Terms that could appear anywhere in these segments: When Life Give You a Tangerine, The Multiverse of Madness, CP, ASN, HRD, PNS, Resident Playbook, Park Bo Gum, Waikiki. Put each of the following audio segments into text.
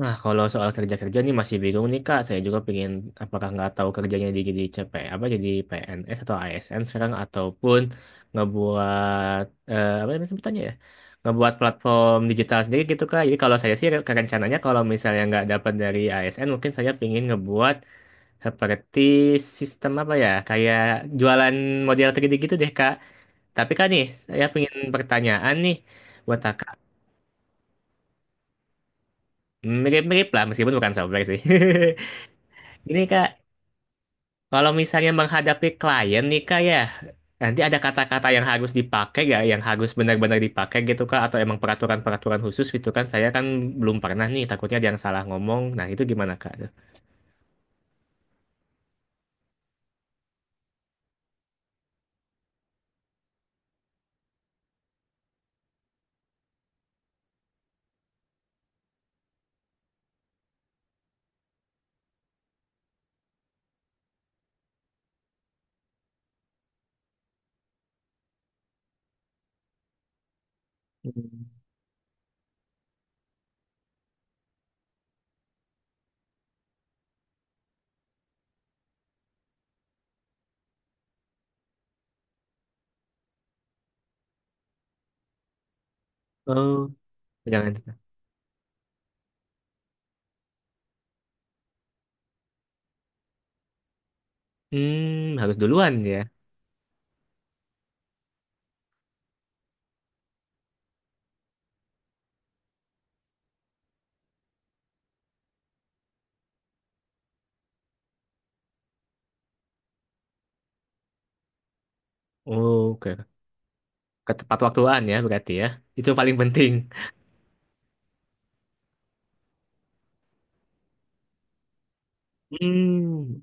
Nah, kalau soal kerja-kerja nih masih bingung nih Kak. Saya juga pengen apakah nggak tahu kerjanya di jadi CP apa jadi PNS atau ASN sekarang ataupun ngebuat apa namanya sebutannya ya? Ngebuat platform digital sendiri gitu Kak. Jadi kalau saya sih rencananya kalau misalnya nggak dapat dari ASN mungkin saya pengen ngebuat seperti sistem apa ya? Kayak jualan model 3D gitu deh Kak. Tapi Kak nih, saya pengen pertanyaan nih buat Kakak. Mirip-mirip lah meskipun bukan software sih. Ini Kak, kalau misalnya menghadapi klien nih Kak ya, nanti ada kata-kata yang harus dipakai ya, yang harus benar-benar dipakai gitu Kak, atau emang peraturan-peraturan khusus gitu kan? Saya kan belum pernah nih, takutnya ada yang salah ngomong. Nah itu gimana Kak? Hmm. Oh, jangan. Hmm, harus duluan ya. Oh, oke, ketepat waktuan ya berarti ya. Itu yang paling penting. Hmm,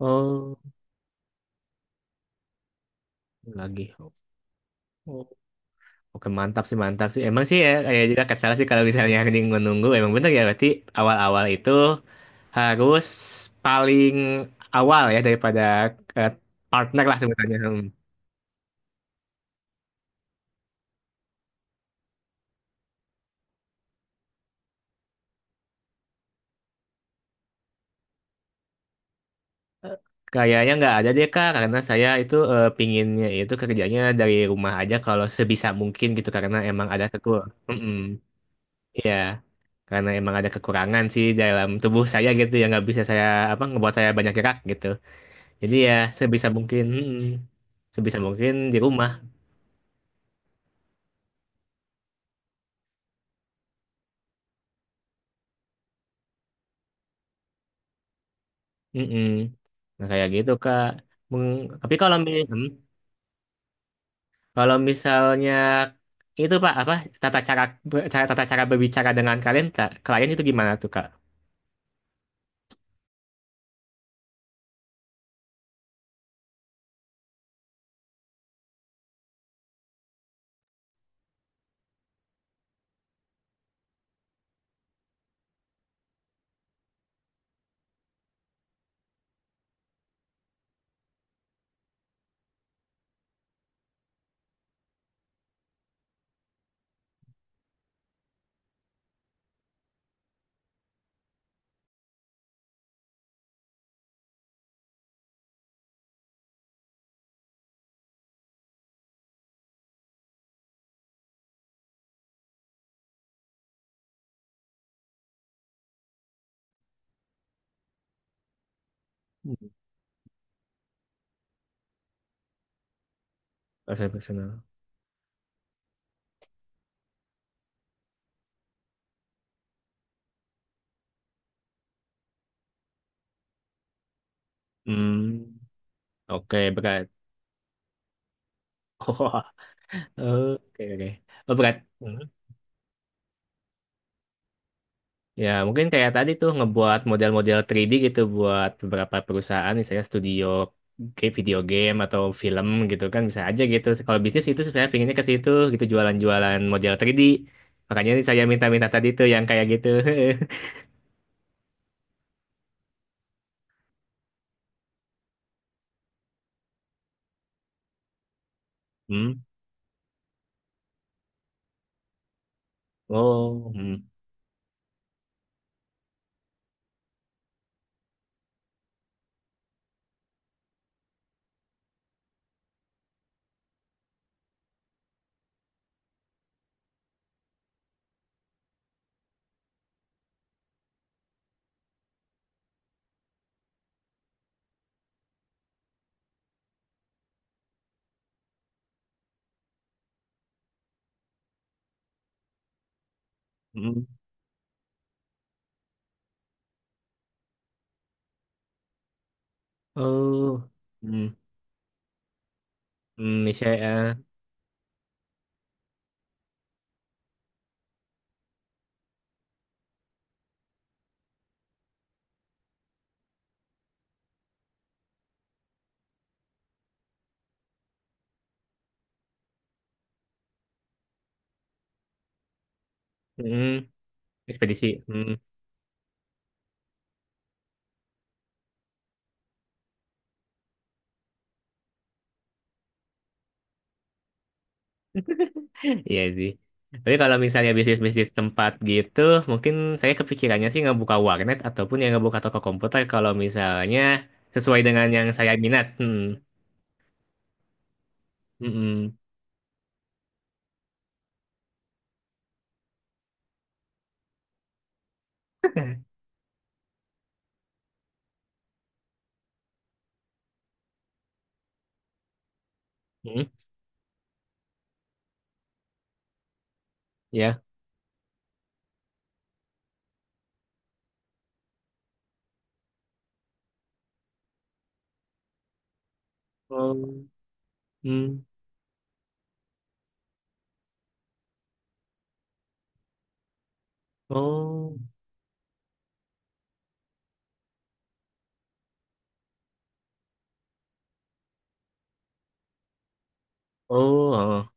oh lagi. Oke, mantap sih, mantap sih, emang sih ya kayak juga kesal sih kalau misalnya anjing menunggu emang bener ya berarti awal-awal itu harus paling awal ya daripada eh, partner lah sebutannya. Hmm. Kayaknya nggak ada deh Kak, karena saya itu pinginnya itu kerjanya dari rumah aja kalau sebisa mungkin gitu karena emang ada kekur. Mm-mm. Iya, karena emang ada kekurangan sih dalam tubuh saya gitu yang nggak bisa saya apa ngebuat saya banyak gerak gitu. Jadi ya sebisa mungkin, mm-mm, sebisa mungkin di rumah. Mm-mm. Nah kayak gitu Kak. Tapi kalau misalnya itu Pak apa tata cara be- cara tata cara berbicara dengan kalian Kak, klien itu gimana tuh Kak? Hmm, bahasa personal. Hmm, oke berat. Oke, oke. Oh, berat. Hmm. Ya, mungkin kayak tadi tuh ngebuat model-model 3D gitu buat beberapa perusahaan, misalnya studio kayak video game atau film gitu kan bisa aja gitu. Kalau bisnis itu sebenarnya pinginnya ke situ gitu jualan-jualan model 3D. Makanya ini saya minta-minta tadi tuh yang kayak gitu. Hmm. Oh, hmm. Hmm. Oh. Hmm. Hmm, misalnya hmm, ekspedisi, hmm. Iya sih. Tapi kalau misalnya bisnis-bisnis tempat gitu, mungkin saya kepikirannya sih ngebuka warnet ataupun yang ngebuka toko komputer kalau misalnya sesuai dengan yang saya minat. Hmm. Mm-mm. Hmm. Ya. Oh. Hmm. Oh. Oh, oh.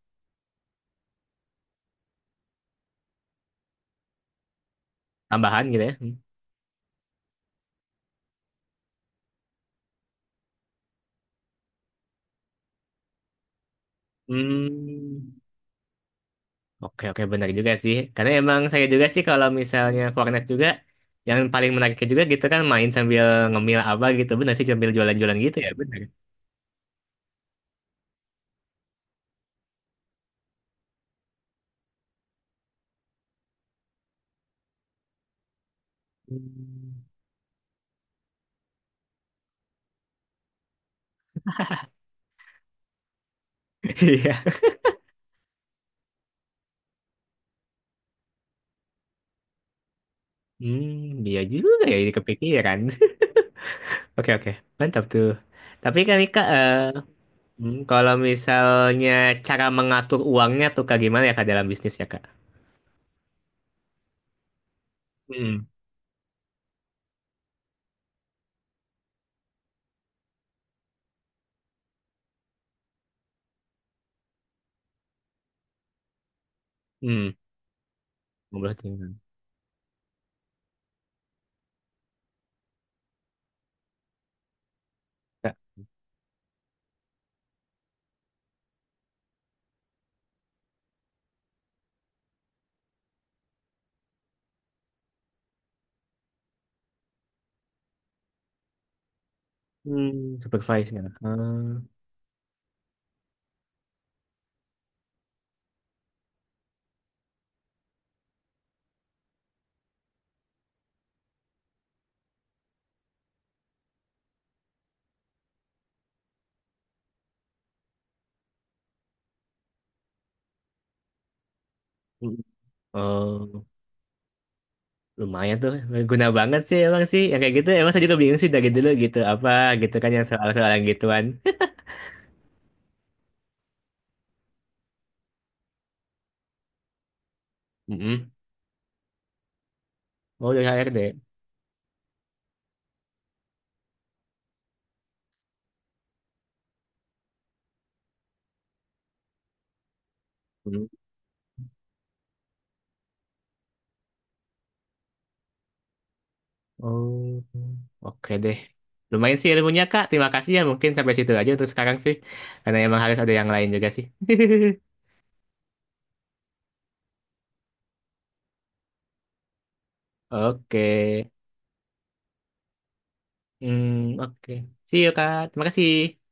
Tambahan gitu ya. Hmm. Hmm. Oke, oke benar juga sih. Karena emang saya juga sih kalau misalnya ke warnet juga yang paling menariknya juga gitu kan main sambil ngemil apa gitu. Benar sih sambil jualan-jualan gitu ya, benar. Hmm. Iya. Hmm, iya juga ya jadi kepikiran. Oke, oke. Mantap tuh. Tapi kan Kak, hmm, kalau misalnya cara mengatur uangnya tuh Kak gimana ya Kak dalam bisnis ya Kak? Hmm, hmm. 15 triliun. Kak. Hmm, supervise ya. Hmm, hmm. Oh, lumayan tuh. Guna banget sih emang sih. Yang kayak gitu emang saya juga bingung sih dari dulu gitu. Apa gitu kan yang soal-soal yang gituan. Hmm. Oh, dari HRD. Oh, oke deh. Lumayan sih ilmunya, Kak. Terima kasih ya. Mungkin sampai situ aja untuk sekarang sih. Karena emang harus ada yang lain juga sih. Oke. Hmm, oke. See you, Kak. Terima kasih.